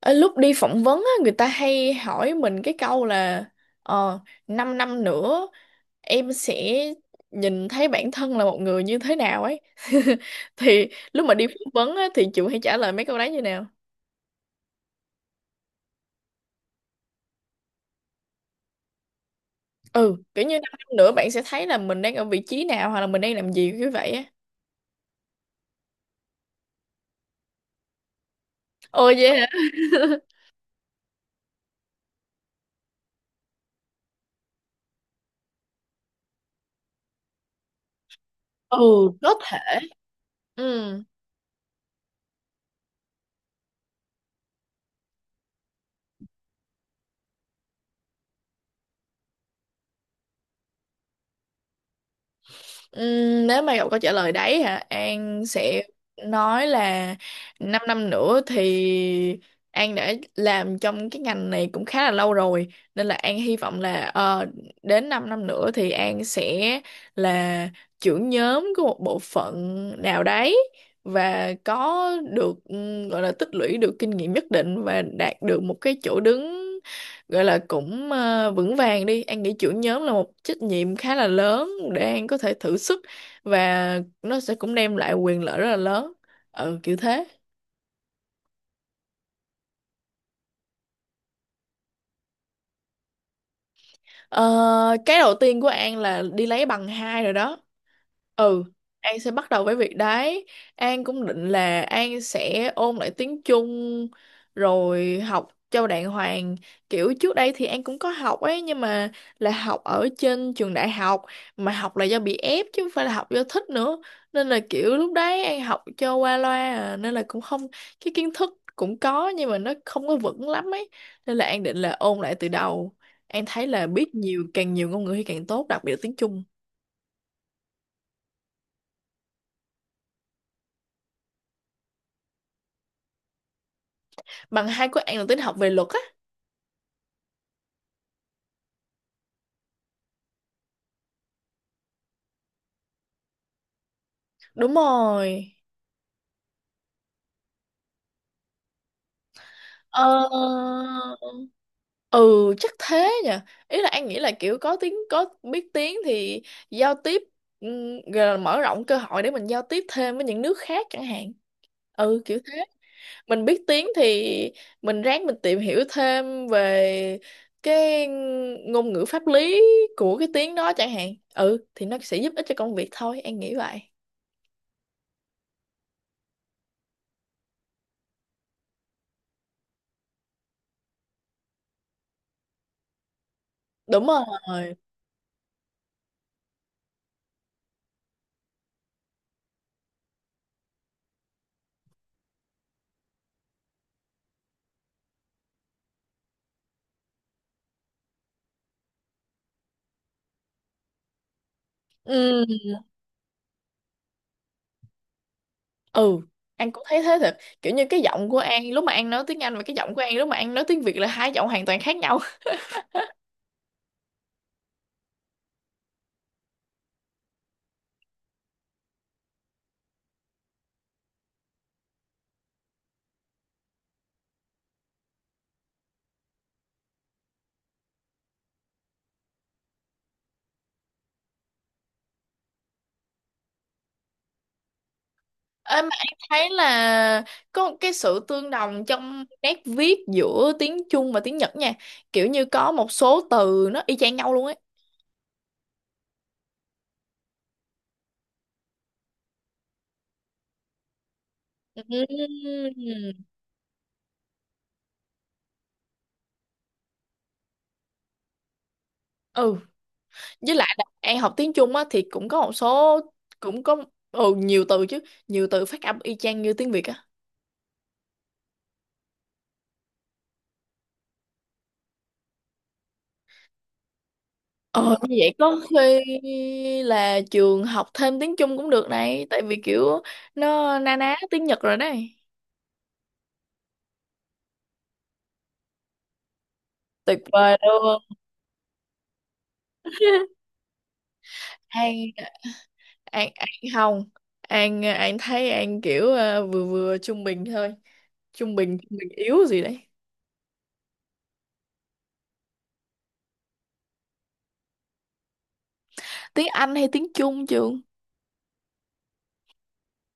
Ờ, Lúc đi phỏng vấn á, người ta hay hỏi mình cái câu là ờ, 5 năm nữa em sẽ nhìn thấy bản thân là một người như thế nào ấy. Thì lúc mà đi phỏng vấn á, thì Trường hay trả lời mấy câu đấy như nào? Ừ, kiểu như 5 năm nữa bạn sẽ thấy là mình đang ở vị trí nào hoặc là mình đang làm gì kiểu vậy á. Ồ vậy hả? Ừ, có thể. Ừ. Nếu mà Ngọc có trả lời đấy hả An sẽ nói là 5 năm nữa thì An đã làm trong cái ngành này cũng khá là lâu rồi, nên là An hy vọng là đến 5 năm nữa thì An sẽ là trưởng nhóm của một bộ phận nào đấy và có được gọi là tích lũy được kinh nghiệm nhất định và đạt được một cái chỗ đứng, gọi là cũng vững vàng đi. An nghĩ trưởng nhóm là một trách nhiệm khá là lớn để An có thể thử sức, và nó sẽ cũng đem lại quyền lợi rất là lớn, ừ kiểu thế. Ờ, cái đầu tiên của An là đi lấy bằng hai rồi đó. Ừ, An sẽ bắt đầu với việc đấy. An cũng định là An sẽ ôn lại tiếng Trung rồi học cho đàng hoàng. Kiểu trước đây thì An cũng có học ấy, nhưng mà là học ở trên trường đại học, mà học là do bị ép chứ không phải là học do thích nữa. Nên là kiểu lúc đấy An học cho qua loa à, nên là cũng không. Cái kiến thức cũng có nhưng mà nó không có vững lắm ấy. Nên là An định là ôn lại từ đầu. An thấy là biết nhiều càng nhiều ngôn ngữ thì càng tốt, đặc biệt là tiếng Trung. Bằng hai của An là tính học về luật á. Đúng rồi. ờ ừ chắc thế nhỉ. Ý là An nghĩ là kiểu có biết tiếng thì giao tiếp, gọi là mở rộng cơ hội để mình giao tiếp thêm với những nước khác chẳng hạn, ừ kiểu thế. Mình biết tiếng thì mình ráng mình tìm hiểu thêm về cái ngôn ngữ pháp lý của cái tiếng đó chẳng hạn, ừ thì nó sẽ giúp ích cho công việc thôi, An nghĩ vậy. Đúng rồi. Ừ, ừ, An cũng thấy thế thật, kiểu như cái giọng của An lúc mà An nói tiếng Anh và cái giọng của An lúc mà An nói tiếng Việt là hai giọng hoàn toàn khác nhau. Ê, mà An thấy là có một cái sự tương đồng trong nét viết giữa tiếng Trung và tiếng Nhật nha, kiểu như có một số từ nó y chang nhau luôn ấy. Ừm. Ừ, với lại là An học tiếng Trung á thì cũng có một số, cũng có, ừ nhiều từ chứ, nhiều từ phát âm y chang như tiếng Việt á. Ờ, Như vậy có khi là trường học thêm tiếng Trung cũng được này, tại vì kiểu nó na ná tiếng Nhật rồi đấy. Tuyệt vời luôn. An, An không, An thấy An kiểu vừa vừa trung bình thôi, trung bình yếu gì đấy. Tiếng Anh hay tiếng Trung trường?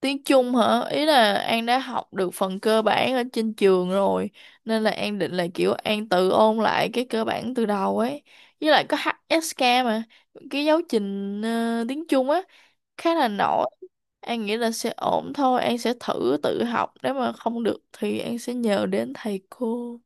Tiếng Trung hả? Ý là An đã học được phần cơ bản ở trên trường rồi, nên là An định là kiểu An tự ôn lại cái cơ bản từ đầu ấy. Với lại có HSK mà, cái giáo trình tiếng Trung á khá là nổi. An nghĩ là sẽ ổn thôi, An sẽ thử tự học, nếu mà không được thì An sẽ nhờ đến thầy cô.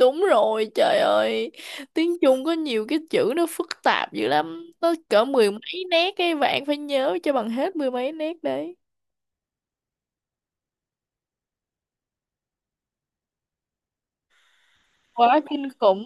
Đúng rồi, trời ơi. Tiếng Trung có nhiều cái chữ nó phức tạp dữ lắm. Nó cỡ mười mấy nét ấy và An phải nhớ cho bằng hết mười mấy nét đấy. Quá kinh khủng.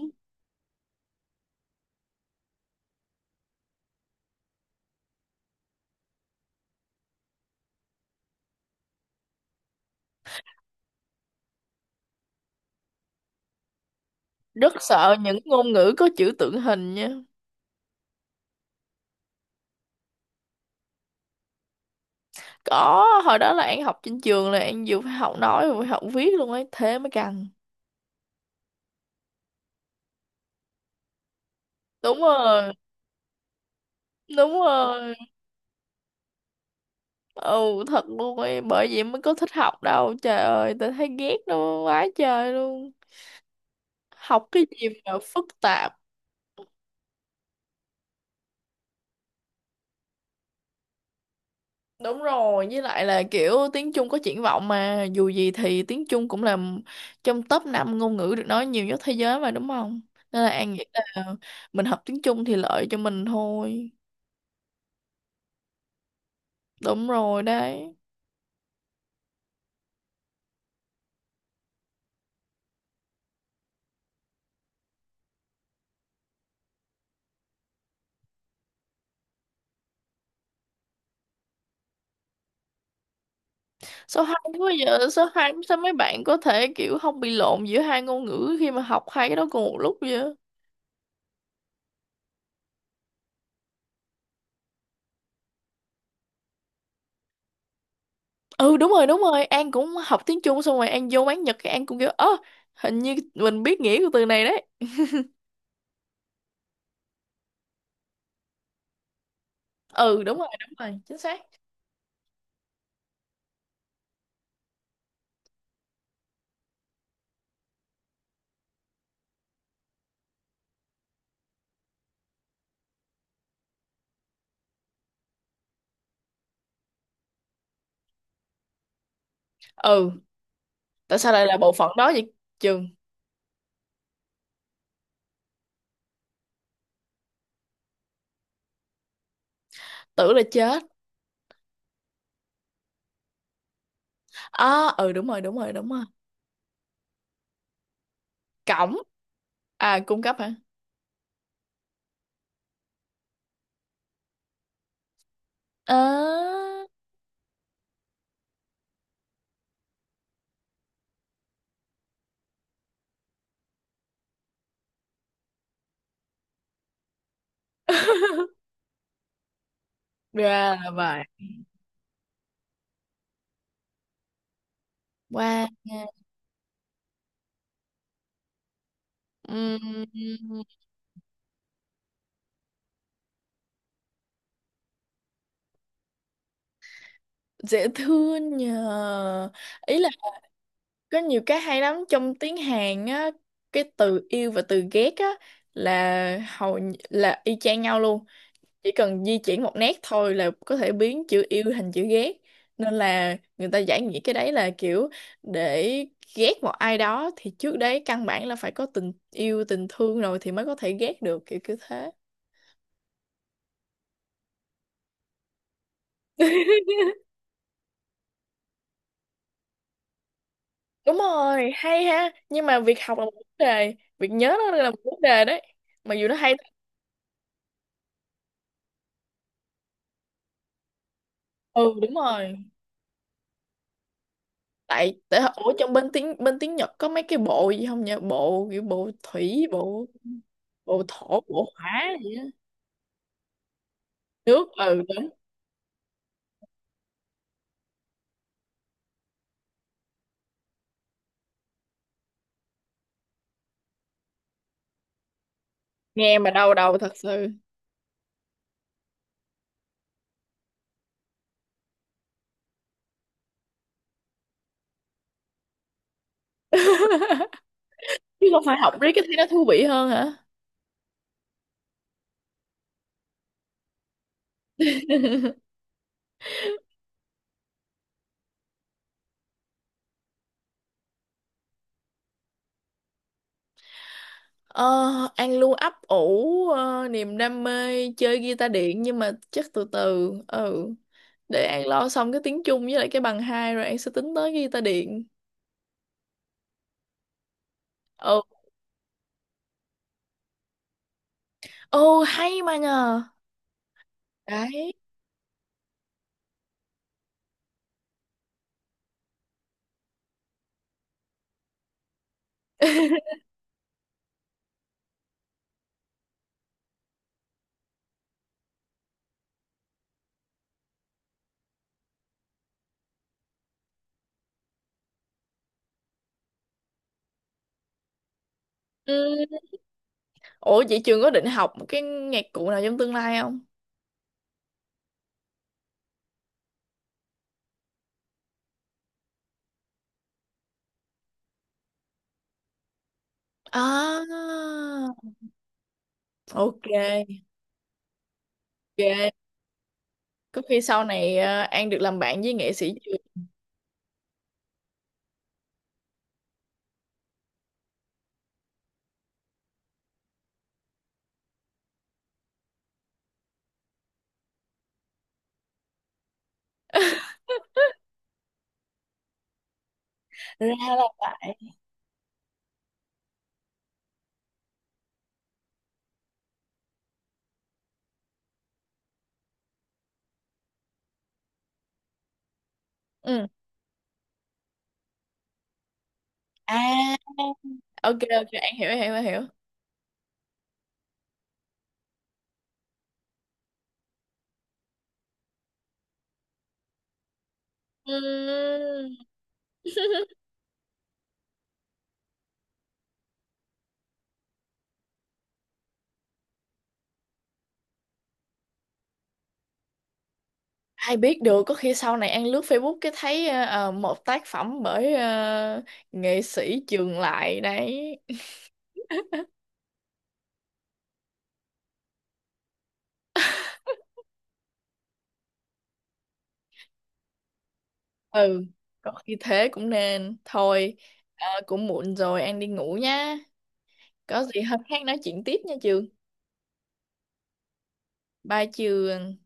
Rất sợ những ngôn ngữ có chữ tượng hình nha. Có hồi đó là An học trên trường là An vừa phải học nói vừa phải học viết luôn ấy, thế mới căng. Đúng rồi, đúng rồi, ừ thật luôn ấy, bởi vậy mới có thích học đâu trời ơi, tao thấy ghét nó quá trời luôn. Học cái gì mà phức tạp. Đúng rồi, với lại là kiểu tiếng Trung có triển vọng mà, dù gì thì tiếng Trung cũng là trong top 5 ngôn ngữ được nói nhiều nhất thế giới mà đúng không? Nên là An nghĩ là mình học tiếng Trung thì lợi cho mình thôi. Đúng rồi đấy. Số 2 quá giờ, số 2 sao mấy bạn có thể kiểu không bị lộn giữa hai ngôn ngữ khi mà học hai cái đó cùng một lúc vậy? Ừ đúng rồi, An cũng học tiếng Trung xong rồi An vô quán Nhật cái An cũng kiểu, ơ hình như mình biết nghĩa của từ này đấy. Ừ đúng rồi, chính xác. Ừ, tại sao lại là bộ phận đó vậy trường? Tưởng là chết. À ừ đúng rồi, đúng rồi, đúng rồi. Cổng. À cung cấp hả? À. Ra là vậy. Wow. Ừm, dễ thương nhờ. Ý là có nhiều cái hay lắm trong tiếng Hàn á. Cái từ yêu và từ ghét á là là y chang nhau luôn, chỉ cần di chuyển một nét thôi là có thể biến chữ yêu thành chữ ghét. Nên là người ta giải nghĩa cái đấy là kiểu để ghét một ai đó thì trước đấy căn bản là phải có tình yêu tình thương rồi thì mới có thể ghét được, kiểu kiểu thế. Đúng rồi, hay ha, nhưng mà việc học là một vấn đề, việc nhớ nó là một vấn đề đấy, mặc dù nó hay. Ừ đúng rồi. Tại tại ở trong bên tiếng Nhật có mấy cái bộ gì không nhỉ, bộ kiểu bộ thủy, bộ bộ thổ, bộ hỏa gì á. Nước ừ đúng. Nghe mà đau đầu thật sự. Chứ không phải học riết cái thấy nó thú vị hơn hả? ờ, An luôn ấp ủ niềm đam mê chơi guitar điện nhưng mà chắc từ từ, ừ để An lo xong cái tiếng Trung với lại cái bằng hai rồi An sẽ tính tới guitar điện. Ừ. Ồ hay mà nhờ. Đấy. Ừ. Ủa chị Trường có định học một cái nhạc cụ nào trong tương lai không? À ok ok. Có khi sau này An được làm bạn với nghệ sĩ Trường. Ra là vậy. Ừ. À, ok ok An hiểu hiểu hiểu. Ừm. Ai biết được có khi sau này An lướt Facebook cái thấy một tác phẩm bởi nghệ sĩ Trường Lại đấy. Ừ, có khi thế cũng nên. Thôi, cũng muộn rồi An đi ngủ nhá. Có gì hôm khác nói chuyện tiếp nha Trường. Bye Trường.